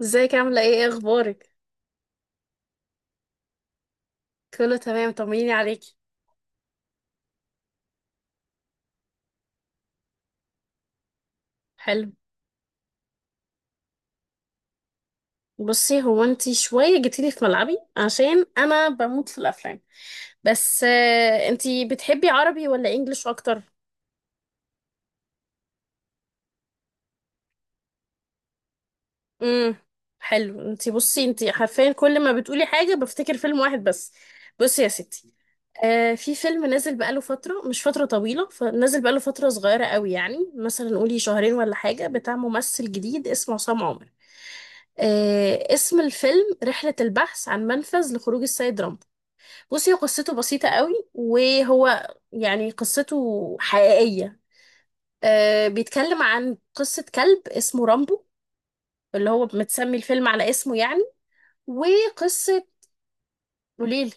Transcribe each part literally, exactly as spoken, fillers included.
ازيك؟ عاملة ايه؟ ايه اخبارك؟ كله تمام، طمنيني عليكي. حلو. بصي، هو انتي شوية جيتيلي في ملعبي عشان انا بموت في الافلام. بس آه، انتي بتحبي عربي ولا انجليش اكتر؟ امم حلو. انتي بصي، انتي حرفيا كل ما بتقولي حاجة بفتكر فيلم واحد بس. بصي يا ستي، آه، في فيلم نازل بقاله فترة، مش فترة طويلة، فنازل بقاله فترة صغيرة قوي، يعني مثلا قولي شهرين ولا حاجة، بتاع ممثل جديد اسمه عصام عمر. آه، اسم الفيلم رحلة البحث عن منفذ لخروج السيد رامبو. بصي، هو قصته بسيطة قوي، وهو يعني قصته حقيقية. آه، بيتكلم عن قصة كلب اسمه رامبو، اللي هو متسمي الفيلم على اسمه يعني. وقصة وليلي.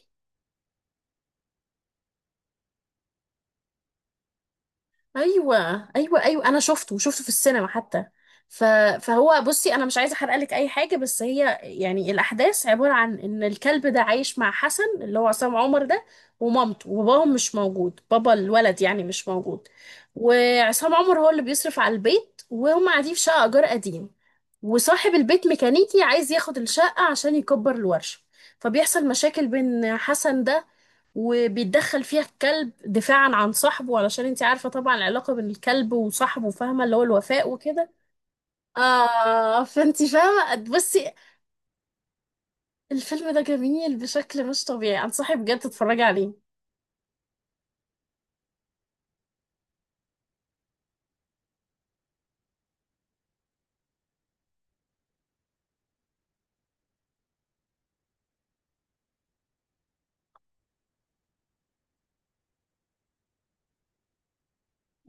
ايوه. ايوه ايوه انا شفته شفته في السينما حتى. ف... فهو بصي، انا مش عايزه احرق لك اي حاجه، بس هي يعني الاحداث عباره عن ان الكلب ده عايش مع حسن اللي هو عصام عمر ده، ومامته، وباباهم مش موجود، بابا الولد يعني مش موجود. وعصام عمر هو اللي بيصرف على البيت، وهم قاعدين في شقه ايجار قديم، وصاحب البيت ميكانيكي عايز ياخد الشقه عشان يكبر الورشه. فبيحصل مشاكل بين حسن ده، وبيتدخل فيها الكلب دفاعا عن صاحبه، علشان انت عارفة طبعا العلاقة بين الكلب وصاحبه، فاهمة، اللي هو الوفاء وكده. اه، فانت فاهمة. بصي، الفيلم ده جميل بشكل مش طبيعي، انصحك بجد تتفرجي عليه.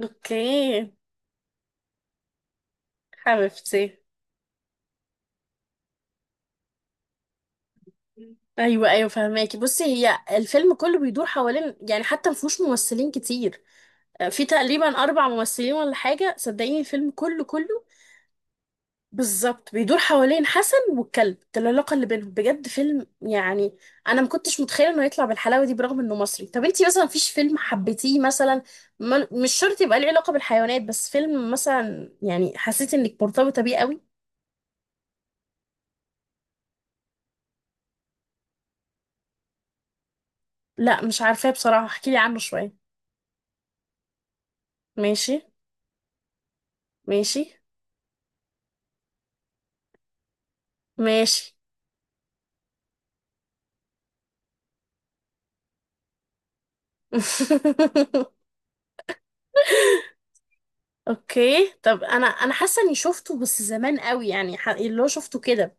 اوكي حبيبتي. ايوه ايوه فهماكي. بصي، هي الفيلم كله بيدور حوالين، يعني حتى مفهوش ممثلين كتير. آه، في تقريبا اربع ممثلين ولا حاجه، صدقيني الفيلم كله كله بالظبط بيدور حوالين حسن والكلب ده، العلاقة اللي بينهم، بجد فيلم يعني أنا ما كنتش متخيلة إنه يطلع بالحلاوة دي برغم إنه مصري. طب أنتي مثلا مفيش فيلم حبيتيه مثلا، ما- مش شرط يبقى ليه علاقة بالحيوانات، بس فيلم مثلا يعني حسيتي إنك مرتبطة بيه قوي؟ لا مش عارفاه بصراحة، احكيلي عنه شوية. ماشي. ماشي ماشي اوكي. طب انا، انا حاسه اني شفته بس زمان قوي يعني، ح- اللي هو شفته كده.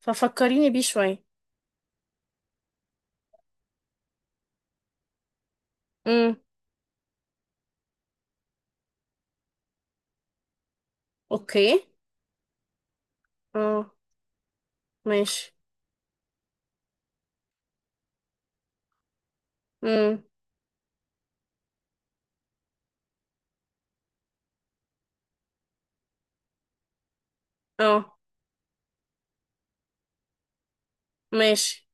ففكريني بيه شويه. امم. اوكي. اه. ماشي. امم. اه. ماشي.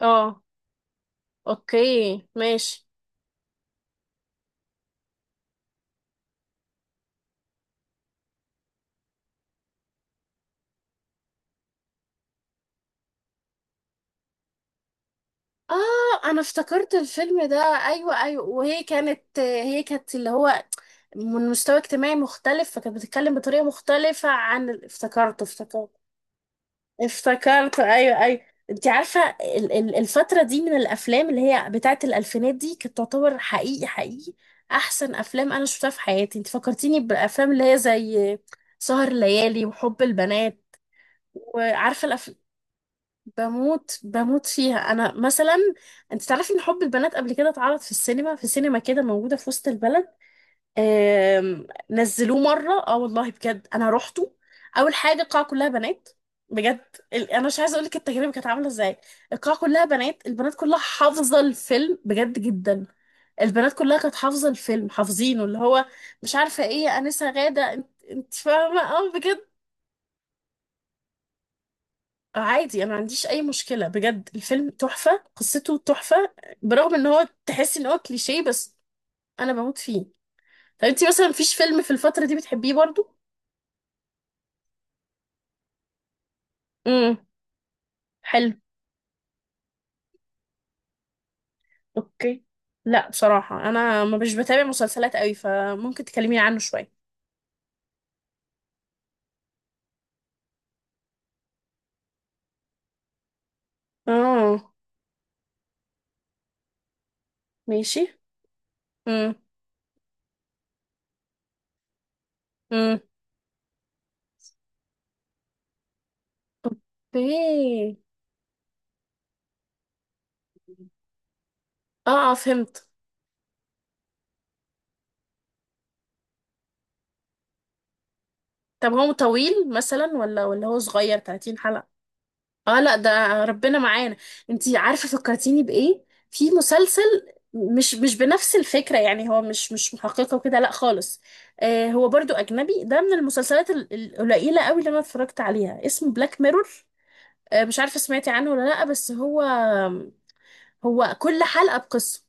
اه. اوكي. ماشي. اه، انا افتكرت الفيلم ده. ايوه ايوه وهي كانت، هي كانت اللي هو من مستوى اجتماعي مختلف، فكانت بتتكلم بطريقة مختلفة عن ال- افتكرته، افتكرته افتكرته ايوه ايوه انت عارفة ال- ال- الفترة دي من الافلام اللي هي بتاعت الالفينات دي كانت تعتبر حقيقي، حقيقي احسن افلام انا شفتها في حياتي. انت فكرتيني بالافلام اللي هي زي سهر الليالي وحب البنات. وعارفه الأف... بموت، بموت فيها انا مثلا. انت تعرفي ان حب البنات قبل كده اتعرض في السينما، في سينما كده موجوده في وسط البلد. آم... نزلوه مره، اه والله بجد انا روحته. اول حاجه القاعه كلها بنات، بجد. ال... انا مش عايزه اقول لك التجربه كانت عامله ازاي. القاعه كلها بنات، البنات كلها حافظه الفيلم، بجد جدا. البنات كلها كانت حافظه الفيلم، حافظينه، اللي هو مش عارفه ايه انسه غاده، انت، انت فاهمه، اه بجد. عادي، انا ما عنديش اي مشكله، بجد الفيلم تحفه، قصته تحفه، برغم ان هو تحس ان هو كليشيه، بس انا بموت فيه. طب انتي مثلا مفيش فيلم في الفتره دي بتحبيه برضو؟ امم. حلو. اوكي. لا بصراحه انا، ما مش بتابع مسلسلات قوي، فممكن تكلميني عنه شويه. اه. ماشي. امم. امم. ايه. اه، آه، فهمت. طب هو طويل مثلا ولا ولا هو صغير، ثلاثين حلقة حلقه؟ اه لا، ده ربنا معانا. انتي عارفة فكرتيني بإيه؟ في مسلسل، مش مش بنفس الفكرة، يعني هو مش مش محققة وكده، لا خالص. آه، هو برضو أجنبي، ده من المسلسلات ال- القليلة قوي اللي أنا اتفرجت عليها، اسمه بلاك ميرور. آه، مش عارفة سمعتي عنه ولا لا. بس هو، هو كل حلقة بقصة،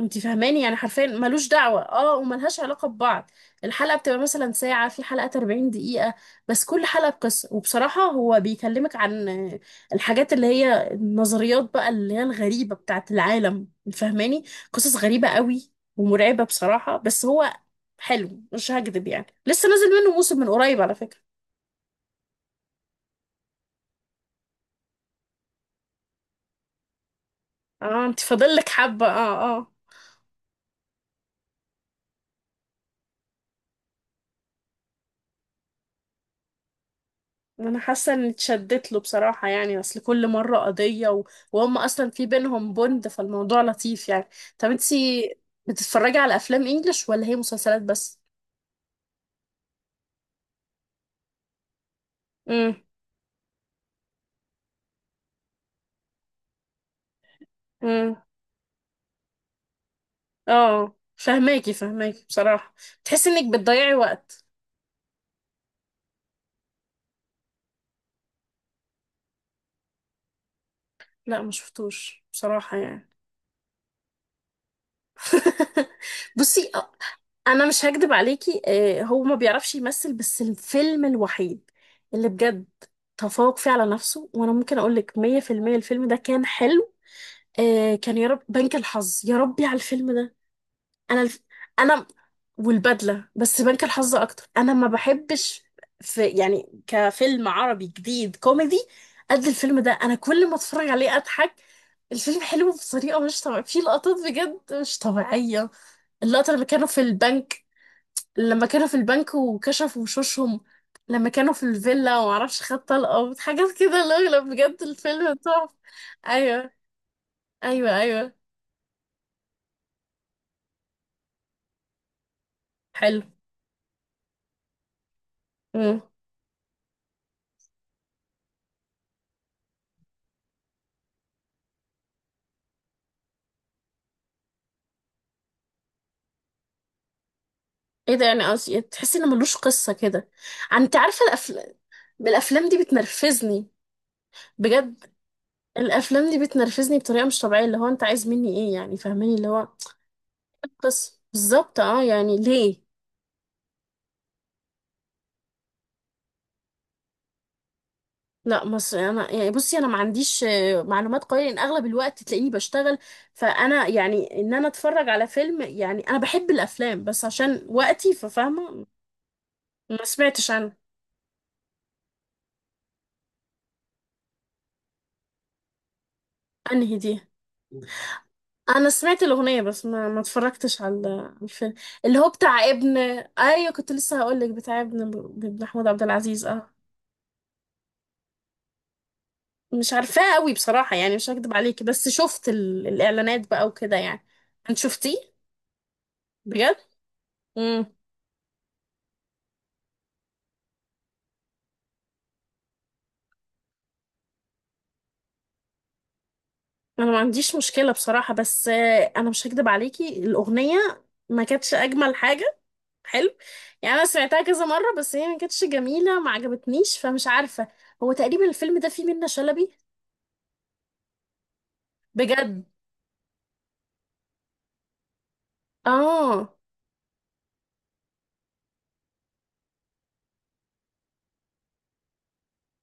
انت فاهماني، يعني حرفيا ملوش دعوة، اه، وملهاش علاقة ببعض. الحلقة بتبقى مثلا ساعة، في حلقات 40 دقيقة، بس كل حلقة بقصة. وبصراحة هو بيكلمك عن آه، الحاجات اللي هي النظريات بقى اللي هي الغريبة بتاعت العالم، فاهماني. قصص غريبة قوي، ومرعبة بصراحة، بس هو حلو مش هكدب. يعني لسه نازل منه موسم من قريب على فكرة. اه، انت فاضل لك حبة. اه. اه، انا حاسه اني اتشدت له بصراحه، يعني اصل كل مره قضيه و... وهم اصلا في بينهم بوند، فالموضوع لطيف يعني. طب انتي بتتفرجي على افلام انجلش ولا هي مسلسلات بس؟ امم. امم. اه، فهماكي، فهماكي بصراحه. تحسي انك بتضيعي وقت. لا ما شفتوش بصراحه يعني. بصي أ- انا مش هكدب عليكي، آه، هو ما بيعرفش يمثل، بس الفيلم الوحيد اللي بجد تفوق فيه على نفسه، وانا ممكن اقول لك مية في المية، الفيلم ده كان حلو. آه كان يا رب بنك الحظ، يا ربي على الفيلم ده. انا الف... انا والبدله، بس بنك الحظ اكتر، انا ما بحبش في يعني كفيلم عربي جديد كوميدي قد الفيلم ده، انا كل ما اتفرج عليه اضحك. الفيلم حلو بطريقه مش طبيعيه، في لقطات بجد مش طبيعيه، اللقطه لما كانوا في البنك، لما كانوا في البنك وكشفوا وشوشهم، لما كانوا في الفيلا ومعرفش خد طلقه، حاجات كده، لا لا بجد الفيلم تحفه. ايوه. ايوه ايوه حلو. ايه ده يعني، قصدي تحسي ان ملوش قصه كده. انت عارفه الافلام، الافلام دي بتنرفزني، بجد. الافلام دي بتنرفزني بطريقه مش طبيعيه، اللي هو انت عايز مني ايه يعني، فاهماني اللي هو قصه بالظبط، اه يعني ليه. لا مصر، انا يعني بصي انا ما عنديش آه، معلومات قويه، لان اغلب الوقت تلاقيني بشتغل، فانا يعني ان انا اتفرج على فيلم، يعني انا بحب الافلام، بس عشان وقتي ففاهمه. ما سمعتش عنه. انهي دي؟ انا سمعت الاغنيه، بس ما ما اتفرجتش على، على الفيلم. اللي هو بتاع ابن؟ ايوه كنت لسه هقول لك بتاع ابن، ابن محمود عبد العزيز، اه. مش عارفاه قوي بصراحه، يعني مش هكدب عليكي، بس شفت ال... الاعلانات بقى وكده يعني. انت شفتيه؟ بجد؟ امم. انا ما عنديش مشكله بصراحه، بس آه، انا مش هكدب عليكي، الاغنيه ما كانتش اجمل حاجه. حلو. يعني انا سمعتها كذا مره بس هي ما كانتش جميله، ما عجبتنيش، فمش عارفه. هو تقريبا الفيلم ده فيه منة شلبي؟ بجد؟ اه.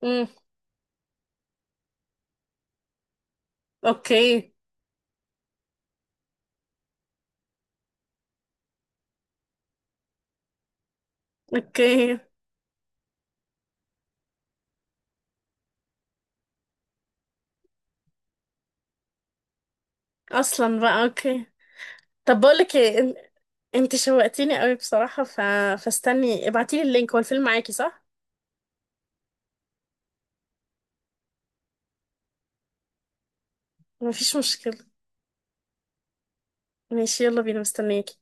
امم. اوكي. اوكي. اصلا بقى. اوكي. طب بقولك ايه إن- انت شوقتيني قوي بصراحة. ف... فاستني ابعتيلي اللينك، هو الفيلم معاكي صح؟ مفيش مشكلة. ماشي يلا بينا، مستنياكي.